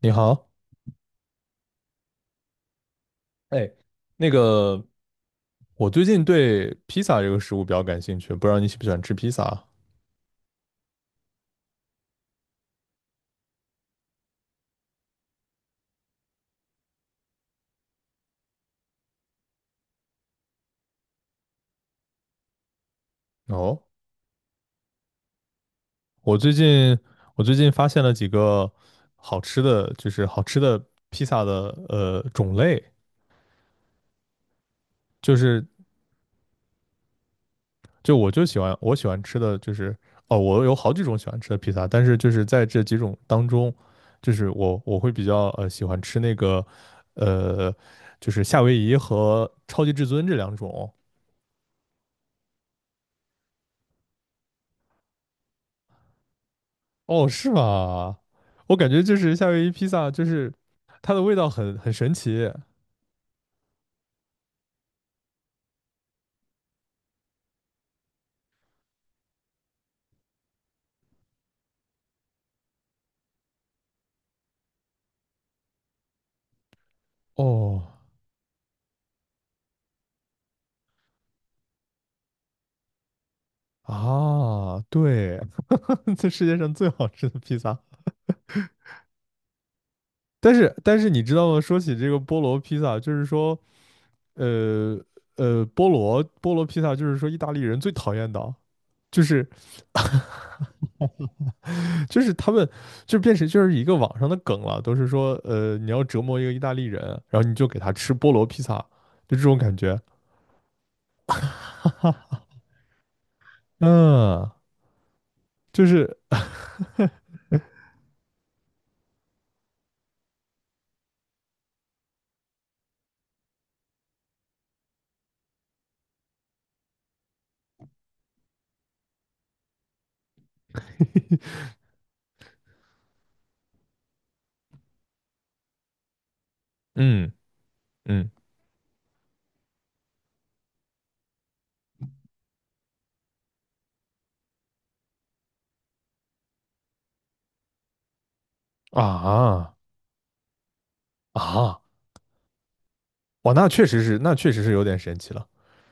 你好，哎，那个，我最近对披萨这个食物比较感兴趣，不知道你喜不喜欢吃披萨啊？哦，我最近我最近发现了几个好吃的，就是好吃的披萨的种类。就是就我就喜欢我喜欢吃的就是，哦，我有好几种喜欢吃的披萨，但是就是在这几种当中，就是我我会比较喜欢吃那个呃就是夏威夷和超级至尊这两种。哦，是吗？我感觉就是夏威夷披萨，就是它的味道很神奇。哦，啊，对，这世界上最好吃的披萨。但是你知道吗？说起这个菠萝披萨，就是说，呃菠萝披萨就是说意大利人最讨厌的，就是他们就变成就是一个网上的梗了，都是说，你要折磨一个意大利人，然后你就给他吃菠萝披萨，就这种感觉。嗯，就是嗯。嗯啊啊哇，那确实是，那确实是有点神奇了。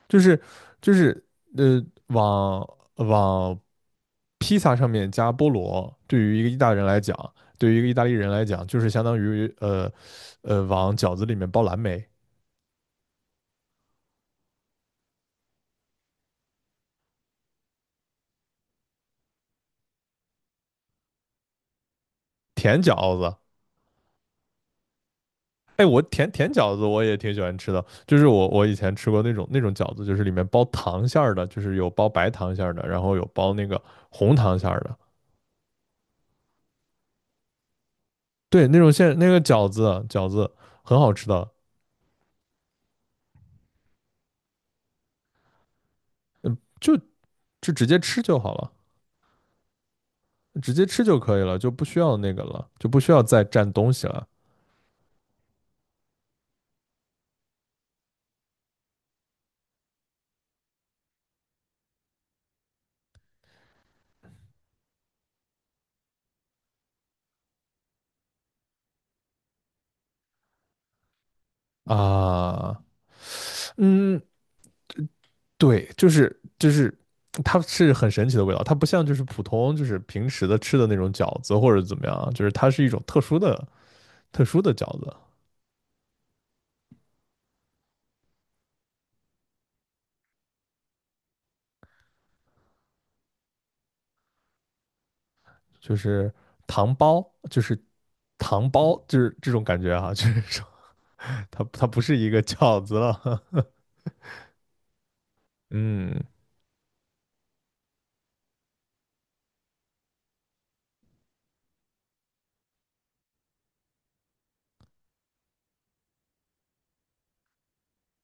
就是就是呃，往往披萨上面加菠萝，对于一个意大利人来讲，对于一个意大利人来讲，就是相当于往饺子里面包蓝莓，甜饺子。哎，甜饺子我也挺喜欢吃的，就是我以前吃过那种饺子，就是里面包糖馅儿的，就是有包白糖馅儿的，然后有包那个红糖馅儿的。对，那种现那个饺子饺子很好吃的，就就直接吃就好了，直接吃就可以了，就不需要那个了，就不需要再蘸东西了啊。嗯，对，它是很神奇的味道，它不像就是普通，就是平时的吃的那种饺子或者怎么样啊，就是它是一种特殊的饺子，就是糖包。就是这种感觉哈，啊，就是说它不是一个饺子了。嗯，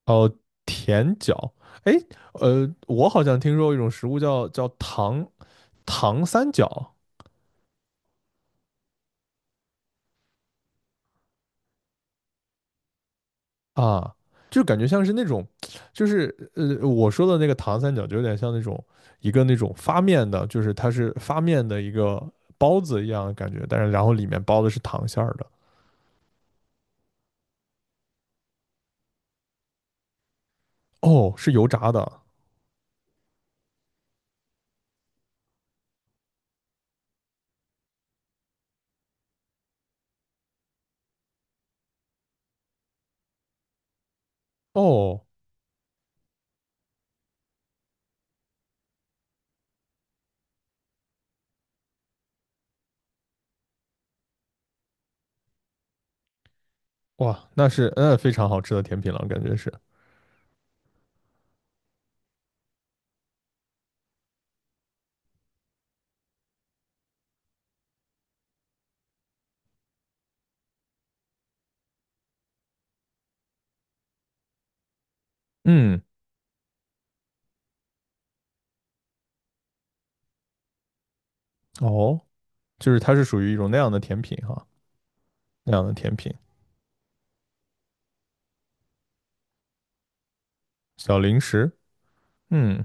哦，甜角，哎，我好像听说过一种食物叫糖三角啊，就感觉像是那种，我说的那个糖三角就有点像那种一个那种发面的，就是它是发面的一个包子一样的感觉，但是然后里面包的是糖馅儿的。哦，是油炸的。哦，哇，那是嗯非常好吃的甜品了，感觉是。嗯，哦，就是它是属于一种那样的甜品哈，那样的甜品小零食，嗯。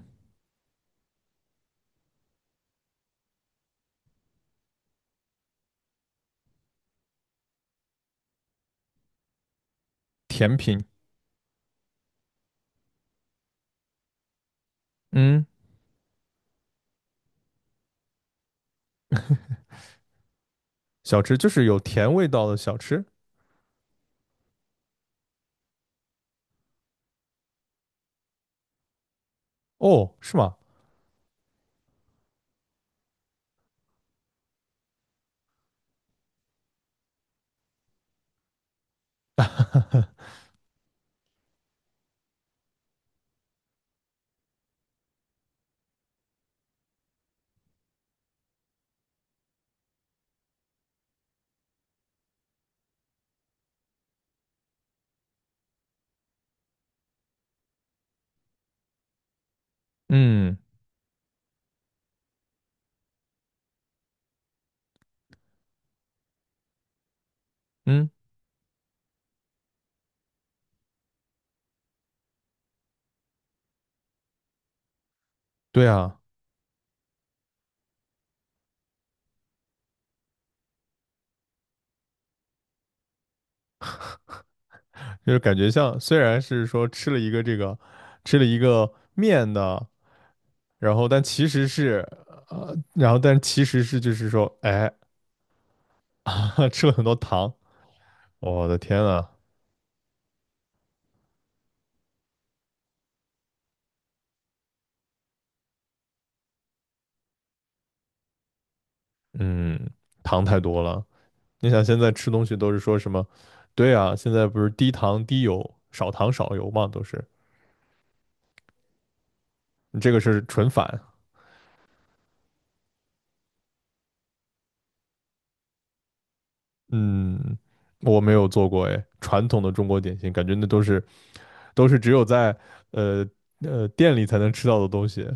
甜品，嗯，小吃就是有甜味道的小吃。哦，是吗？嗯嗯，对啊，就是感觉像虽然是说吃了一个这个，吃了一个面的，然后但其实是然后但其实是就是说，哎，吃了很多糖，我的天啊。嗯，糖太多了。你想现在吃东西都是说什么？对啊，现在不是低糖低油、少糖少油嘛，都是你这个是纯反。嗯，我没有做过哎，传统的中国点心，感觉那都是都是只有在呃店里才能吃到的东西，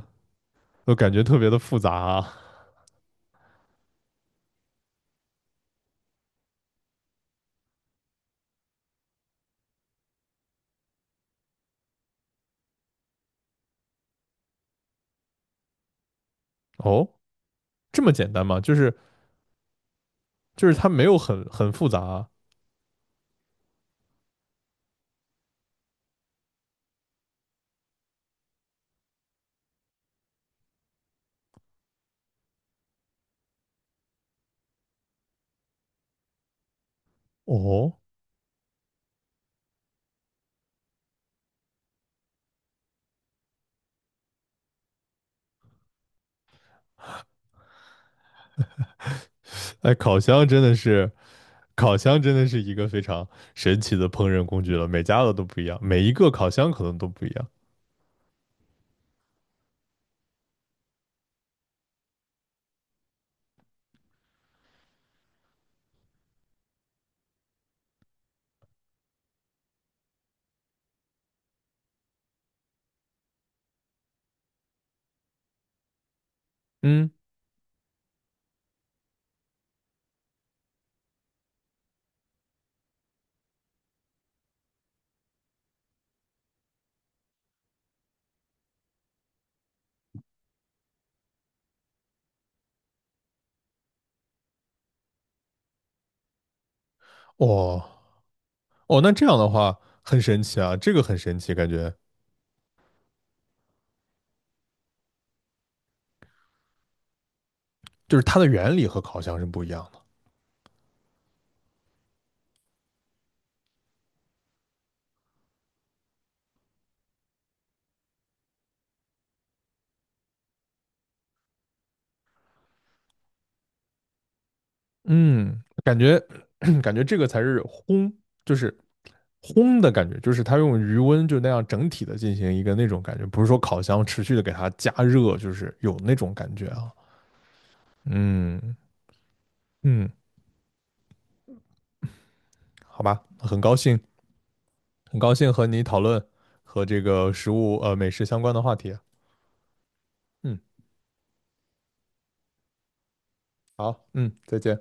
都感觉特别的复杂啊。哦，这么简单吗？就是就是它没有很复杂啊。哦，哎，烤箱真的是一个非常神奇的烹饪工具了，每家的都不一样，每一个烤箱可能都不一样。嗯，哦哦，那这样的话很神奇啊，这个很神奇，感觉就是它的原理和烤箱是不一样的。嗯，感觉 感觉这个才是烘，就是烘的感觉，就是它用余温就那样整体的进行一个那种感觉，不是说烤箱持续的给它加热，就是有那种感觉啊。嗯嗯，好吧，很高兴，和你讨论和这个食物美食相关的话题啊。嗯，好，嗯，再见。